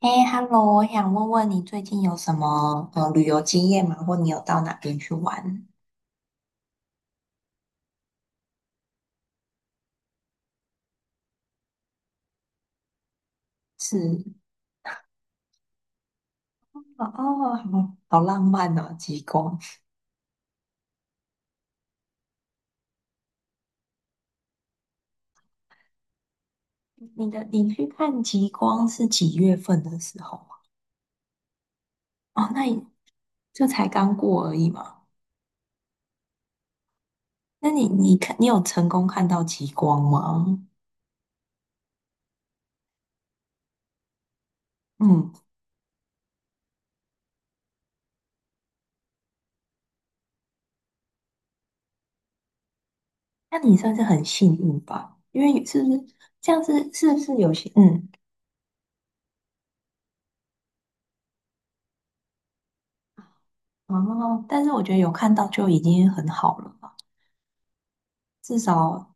哎，Hello，我想问问你最近有什么旅游经验吗？或你有到哪边去玩？是哦，哦好好浪漫哦，极光。你去看极光是几月份的时候啊？哦，那也就才刚过而已嘛。那你有成功看到极光吗？嗯，那你算是很幸运吧，因为是不是这样子？是不是有些嗯哦？但是我觉得有看到就已经很好了吧，至少。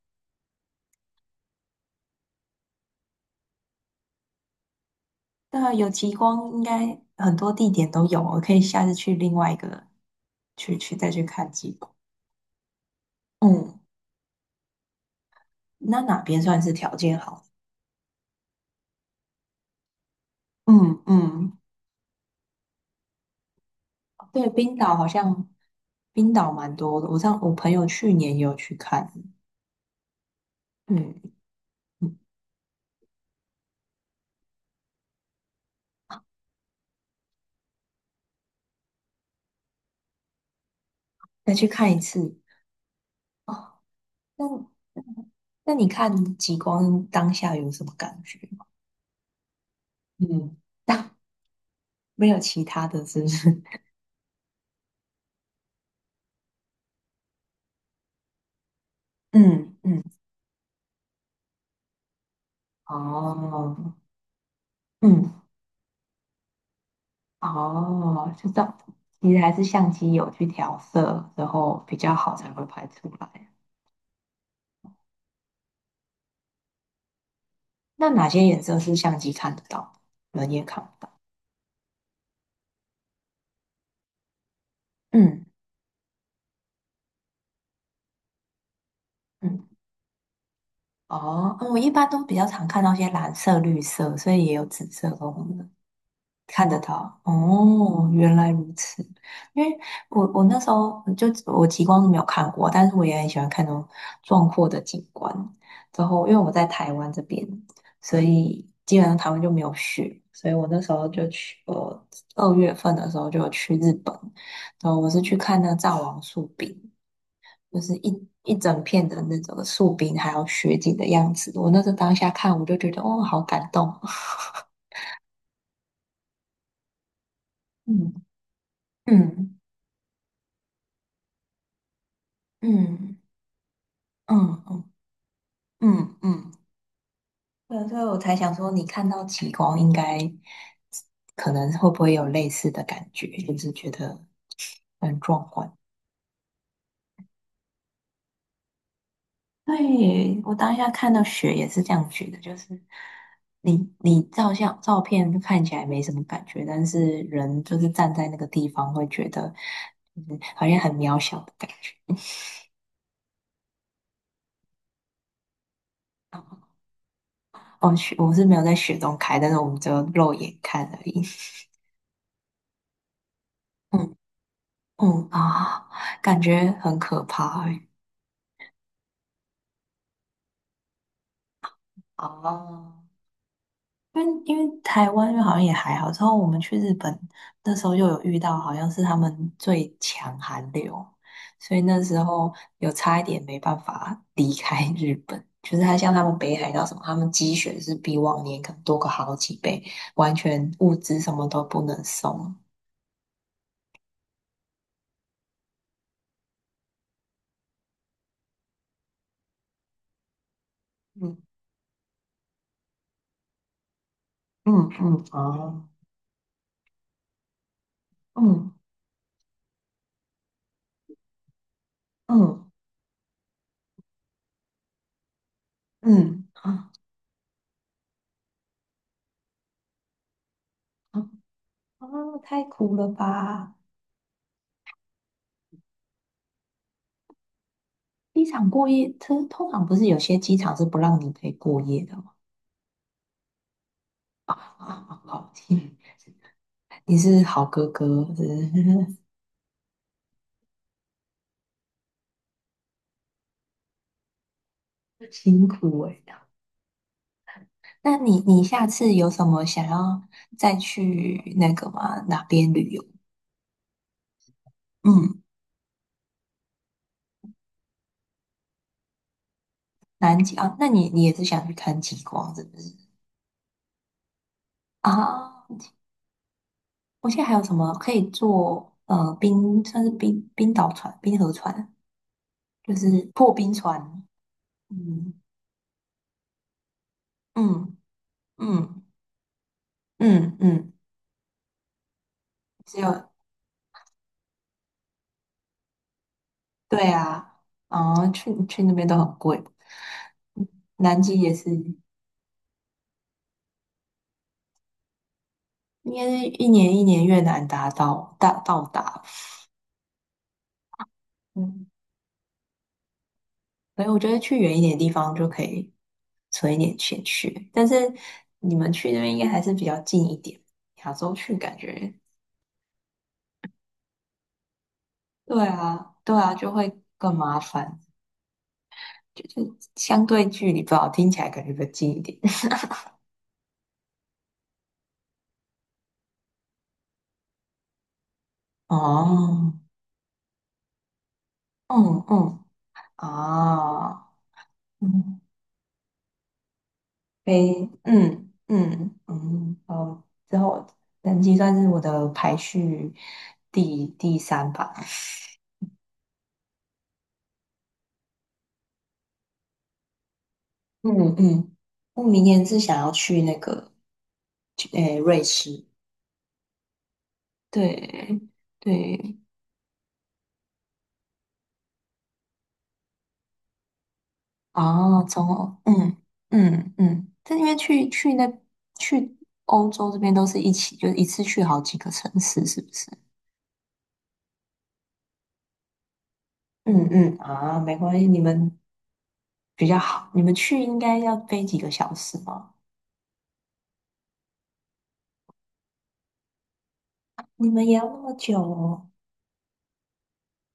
那有极光，应该很多地点都有，我可以下次去另外一个去再去看极光。嗯，那哪边算是条件好？嗯嗯，对，冰岛好像冰岛蛮多的，我朋友去年也有去看，嗯，嗯再去看一次。哦，那那你看极光当下有什么感觉吗？嗯，没有其他的，是不是？嗯嗯，哦，嗯。哦，就样，其实还是相机有去调色，然后比较好才会拍出来。那哪些颜色是相机看得到人也看不到？嗯嗯，哦，嗯我一般都比较常看到一些蓝色、绿色，所以也有紫色跟红的。看得到哦，原来如此。因为我那时候极光是没有看过，但是我也很喜欢看那种壮阔的景观。然后因为我在台湾这边，所以基本上台湾就没有雪，所以我那时候就去，我二月份的时候就有去日本，然后我是去看那个藏王树冰，就是一整片的那种树冰还有雪景的样子。我那时候当下看，我就觉得哦，好感动。嗯嗯嗯。嗯嗯嗯嗯，对，所以我才想说，你看到极光应该可能会不会有类似的感觉，就是觉得很壮观。对，我当下看到雪也是这样觉得，就是你照相照片就看起来没什么感觉，但是人就是站在那个地方会觉得，嗯，好像很渺小的感觉。哦，哦雪我是没有在雪中开，但是我们只有肉眼看而已。嗯嗯啊，感觉很可怕欸。哦，因为台湾因为好像也还好，之后我们去日本那时候又有遇到，好像是他们最强寒流，所以那时候有差一点没办法离开日本。就是他像他们北海道什么，他们积雪是比往年可能多个好几倍，完全物资什么都不能送。嗯嗯嗯，哦，嗯嗯嗯啊啊，啊太苦了吧！机场过夜，通常不是有些机场是不让你可以过夜的吗？啊，好天，你是好哥哥，真是 辛苦哎、那你下次有什么想要再去那个吗？哪边旅游？嗯，南极啊，那你也是想去看极光是不是？啊，我现在还有什么可以坐？冰算是冰岛船、冰河船，就是破冰船。嗯嗯嗯嗯嗯，只有。对啊，哦，去那边都很贵，南极也是，应该是一年一年越南达到到达，嗯，所以我觉得去远一点的地方就可以存一点钱去，但是你们去那边应该还是比较近一点，亚洲去感觉，对啊，对啊，就会更麻烦，就是相对距离不好，听起来感觉比较近一点。哦，嗯嗯啊，嗯非，嗯嗯嗯，哦，之后人机算是我的排序第三吧。嗯嗯，我明年是想要去那个诶、瑞士，对对，啊，中欧嗯嗯嗯，但因为去欧洲这边都是一起，就是一次去好几个城市，是不是？嗯嗯啊，没关系，你们比较好，你们去应该要飞几个小时吗？你们也要那么久哦？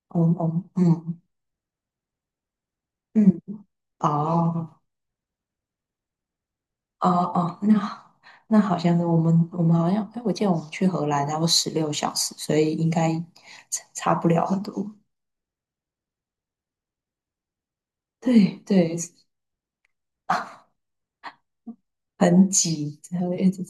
哦哦嗯嗯哦哦哦，那好像我们好像，哎，我记得我们去荷兰然后16小时，所以应该差差不了很多。对对，啊，很挤，然后一直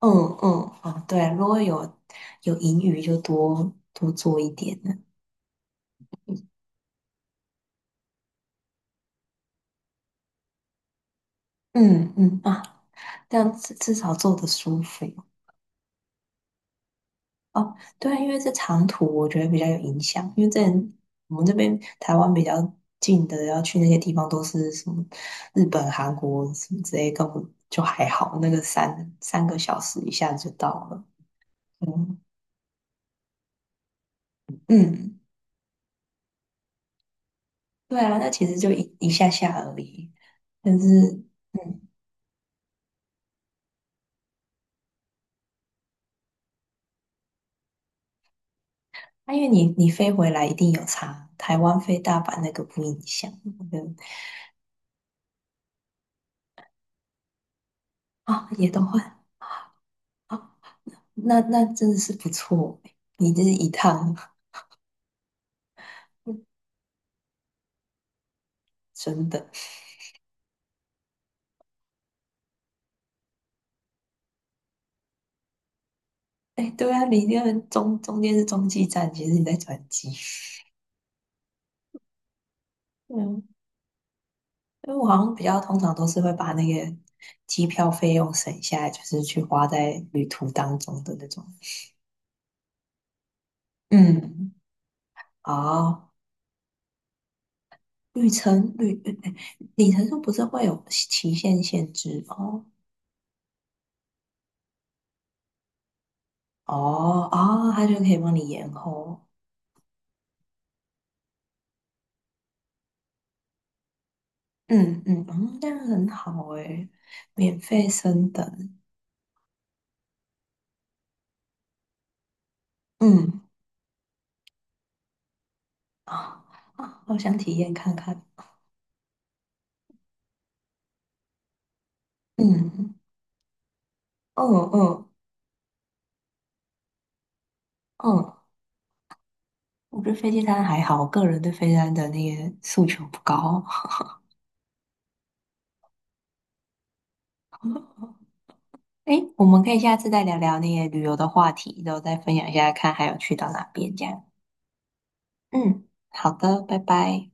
嗯嗯哦，对，如果有盈余就多多做一点呢。嗯嗯啊，这样至少做的舒服。哦，对啊，因为这长途我觉得比较有影响，因为在我们这边台湾比较近的，要去那些地方都是什么日本、韩国什么之类，根本就还好，那个三个小时一下子就到了。嗯嗯，对啊，那其实就一下下而已。但是，嗯，啊、因为你飞回来一定有差，台湾飞大阪那个不影响，我觉得啊、也都会啊、那那真的是不错欸，你这一趟 真的。哎，对啊，你那个中间是中继站，其实你在转机。嗯，因为我好像比较通常都是会把那个机票费用省下来，就是去花在旅途当中的那种。嗯，哦，旅程旅哎里程数不是会有期限限制哦？哦啊，它就可以帮你延后。嗯嗯，嗯，这样很好诶，免费升等。嗯啊啊，好想体验看看。嗯，哦哦。嗯嗯，我觉得飞机餐还好，我个人对飞机餐的那个诉求不高。诶，我们可以下次再聊聊那些旅游的话题，然后再分享一下，看还有去到哪边这样。嗯，好的，拜拜。